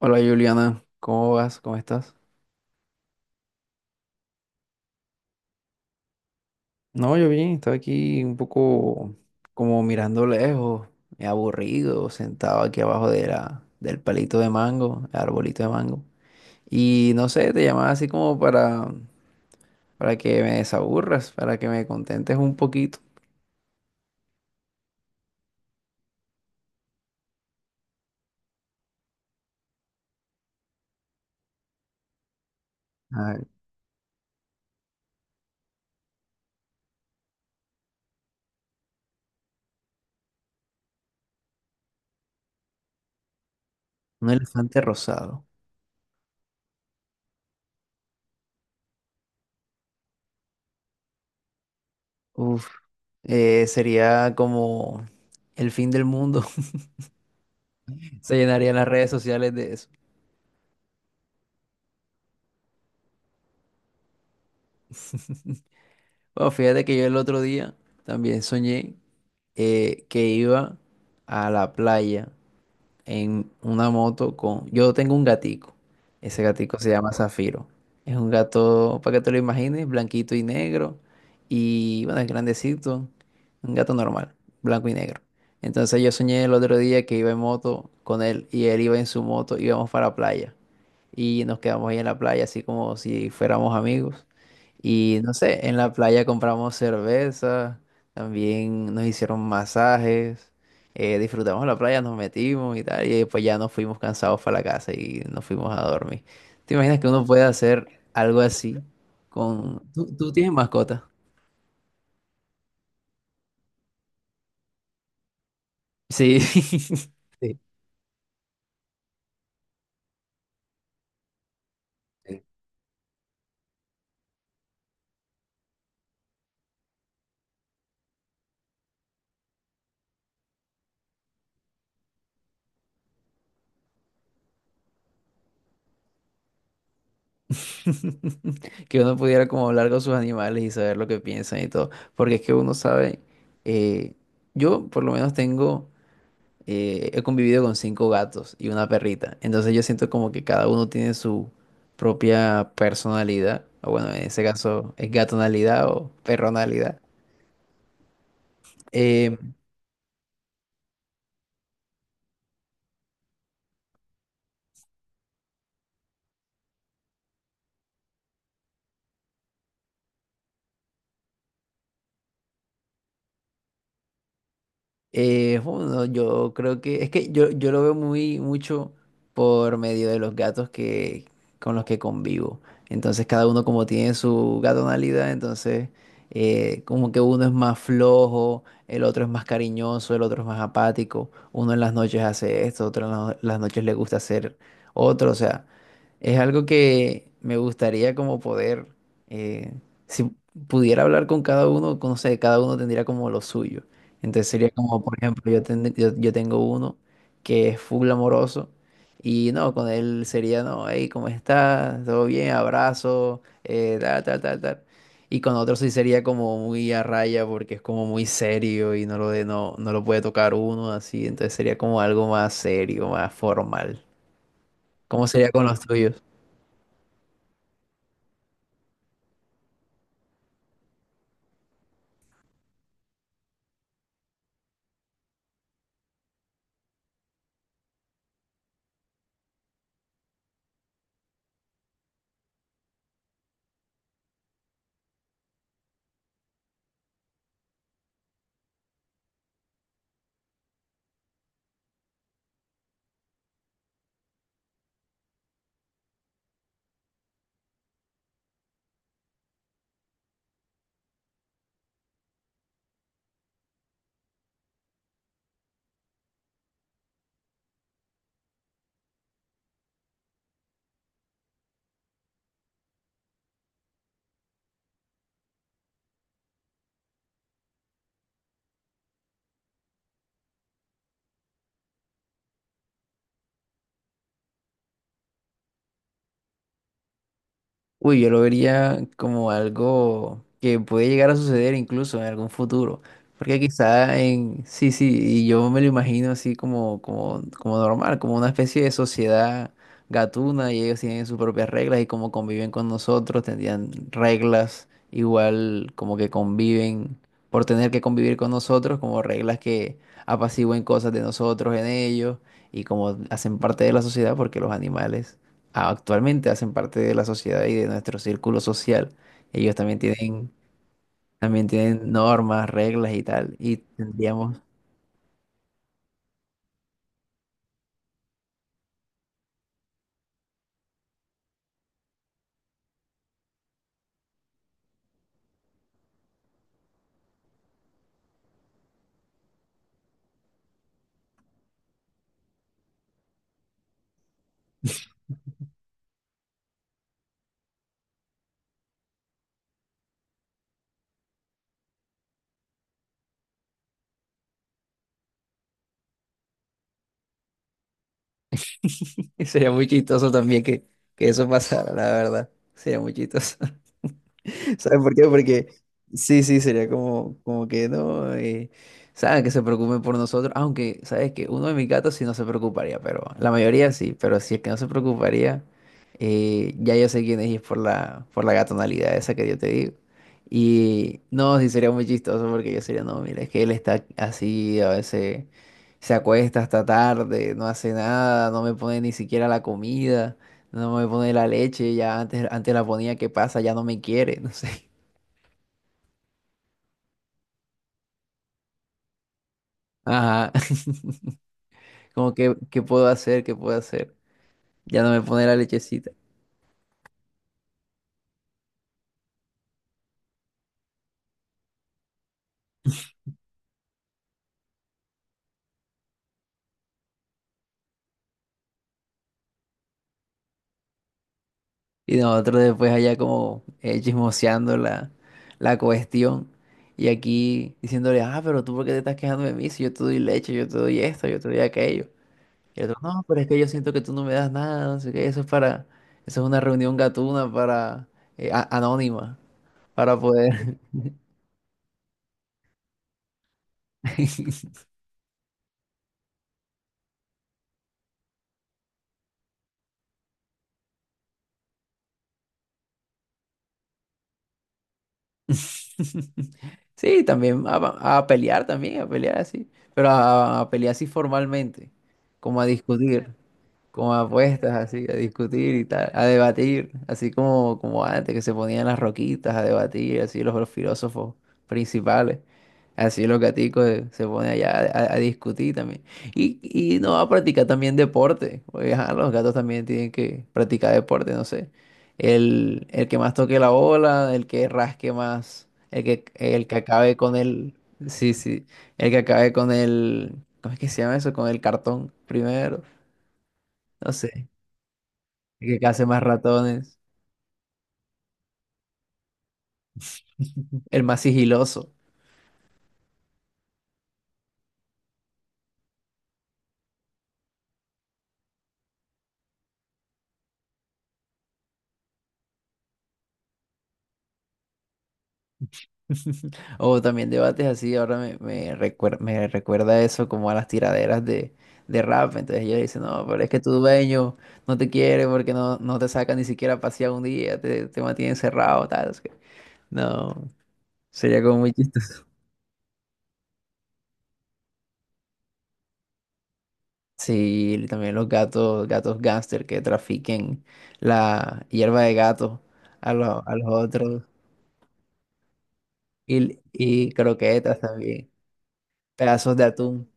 Hola Juliana, ¿cómo vas? ¿Cómo estás? No, yo bien, estaba aquí un poco como mirando lejos, aburrido, sentado aquí abajo de del palito de mango, el arbolito de mango. Y no sé, te llamaba así como para que me desaburras, para que me contentes un poquito. A ver, un elefante rosado. Uf, sería como el fin del mundo. Se llenarían las redes sociales de eso. Bueno, fíjate que yo el otro día también soñé que iba a la playa en una moto con... Yo tengo un gatico. Ese gatico se llama Zafiro. Es un gato, para que te lo imagines, blanquito y negro. Y bueno, es grandecito. Un gato normal, blanco y negro. Entonces yo soñé el otro día que iba en moto con él y él iba en su moto, íbamos para la playa. Y nos quedamos ahí en la playa, así como si fuéramos amigos. Y no sé, en la playa compramos cerveza, también nos hicieron masajes. Disfrutamos la playa, nos metimos y tal, y después ya nos fuimos cansados para la casa y nos fuimos a dormir. ¿Te imaginas que uno puede hacer algo así con... ¿Tú tienes mascota? Sí. Sí. Que uno pudiera como hablar con sus animales y saber lo que piensan y todo. Porque es que uno sabe, eh, yo por lo menos tengo... he convivido con cinco gatos y una perrita. Entonces yo siento como que cada uno tiene su propia personalidad. O bueno, en ese caso es gatonalidad o perronalidad. Eh, bueno, yo creo que es que yo lo veo muy mucho por medio de los gatos que con los que convivo. Entonces cada uno como tiene su gatonalidad, entonces como que uno es más flojo, el otro es más cariñoso, el otro es más apático. Uno en las noches hace esto, otro en las noches le gusta hacer otro. O sea, es algo que me gustaría como poder, eh, si pudiera hablar con cada uno, no sé, cada uno tendría como lo suyo. Entonces sería como, por ejemplo, yo tengo uno que es full amoroso y no, con él sería, no, hey, ¿cómo estás? ¿Todo bien? Abrazo, tal, tal, tal, tal. Y con otro sí sería como muy a raya porque es como muy serio y no no lo puede tocar uno así. Entonces sería como algo más serio, más formal. ¿Cómo sería con los tuyos? Uy, yo lo vería como algo que puede llegar a suceder incluso en algún futuro. Porque sí, sí, y yo me lo imagino así como normal, como una especie de sociedad gatuna y ellos tienen sus propias reglas y como conviven con nosotros, tendrían reglas igual como que conviven por tener que convivir con nosotros, como reglas que apacigüen cosas de nosotros en ellos y como hacen parte de la sociedad porque los animales actualmente hacen parte de la sociedad y de nuestro círculo social. Ellos también tienen normas, reglas y tal. Y tendríamos, y sería muy chistoso también que eso pasara, la verdad. Sería muy chistoso. ¿Sabes por qué? Porque sí, sí, sería como que no, saben que se preocupen por nosotros, aunque, ¿sabes que uno de mis gatos sí no se preocuparía, pero la mayoría sí, pero si es que no se preocuparía, ya yo sé quién es y es por por la gatonalidad esa que yo te digo. Y no, sí sería muy chistoso porque yo sería, no, mira, es que él está así, a veces se acuesta hasta tarde, no hace nada, no me pone ni siquiera la comida. No me pone la leche, ya antes la ponía, ¿qué pasa? Ya no me quiere, no sé. Ajá. Como que, ¿qué puedo hacer? ¿Qué puedo hacer? Ya no me pone la lechecita. Y nosotros después allá como chismoseando la cuestión. Y aquí diciéndole, ah, pero tú por qué te estás quejando de mí si yo te doy leche, yo te doy esto, yo te doy aquello. Y el otro, no, pero es que yo siento que tú no me das nada, no sé qué, eso es para, eso es una reunión gatuna para, anónima, para poder. Sí, también a pelear también, a pelear así, pero a pelear así formalmente, como a discutir como a apuestas, así, a discutir y tal, a debatir, así como antes que se ponían las roquitas a debatir, así los filósofos principales, así los gaticos se ponen allá a discutir también. Y no, a practicar también deporte, porque ajá, los gatos también tienen que practicar deporte, no sé. El que más toque la bola, el que rasque más, el que acabe con el... Sí, sí, el que acabe con el... ¿Cómo es que se llama eso? Con el cartón primero. No sé. El que hace más ratones, el más sigiloso. O también debates así, ahora me recuerda eso como a las tiraderas de rap. Entonces ella dice, no, pero es que tu dueño no te quiere porque no te saca ni siquiera a pasear un día, te mantiene encerrado, tal. Es que- No, sería como muy chistoso. Sí, y también los gatos, gatos gángster que trafiquen la hierba de gato a los otros. Y croquetas también, pedazos de atún.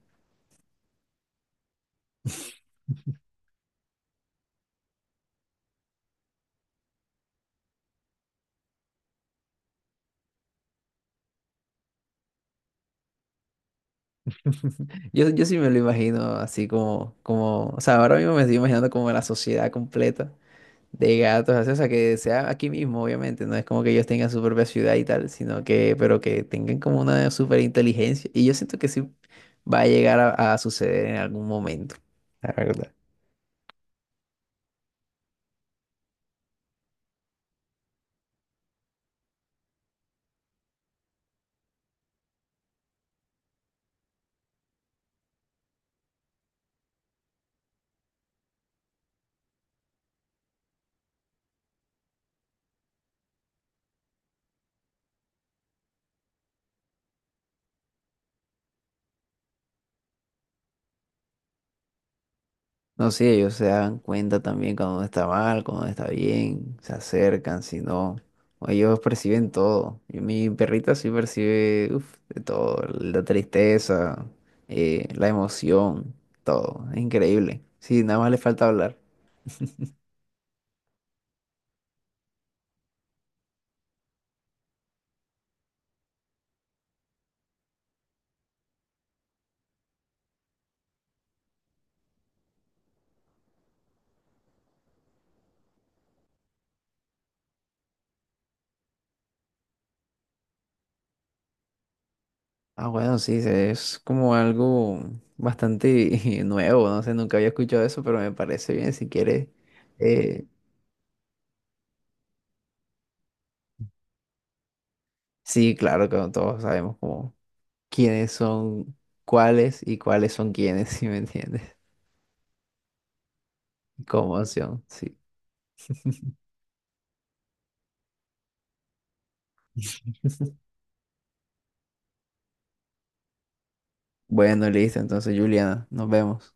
Yo sí me lo imagino así o sea, ahora mismo me estoy imaginando como la sociedad completa de gatos, así, o sea, que sea aquí mismo, obviamente, no es como que ellos tengan su propia ciudad y tal, sino que, pero que tengan como una super inteligencia. Y yo siento que sí va a llegar a suceder en algún momento, la verdad. No, sí, ellos se dan cuenta también cuando uno está mal, cuando uno está bien, se acercan, si no, o ellos perciben todo. Y mi perrita sí percibe, uf, de todo, la tristeza, la emoción, todo, es increíble. Sí, nada más le falta hablar. Ah, bueno, sí, es como algo bastante nuevo, no sé, nunca había escuchado eso, pero me parece bien, si quieres. eh, sí, claro que todos sabemos cómo. Quiénes son cuáles y cuáles son quiénes, si me entiendes? Como opción, sí. Bueno, listo, entonces Juliana, nos vemos.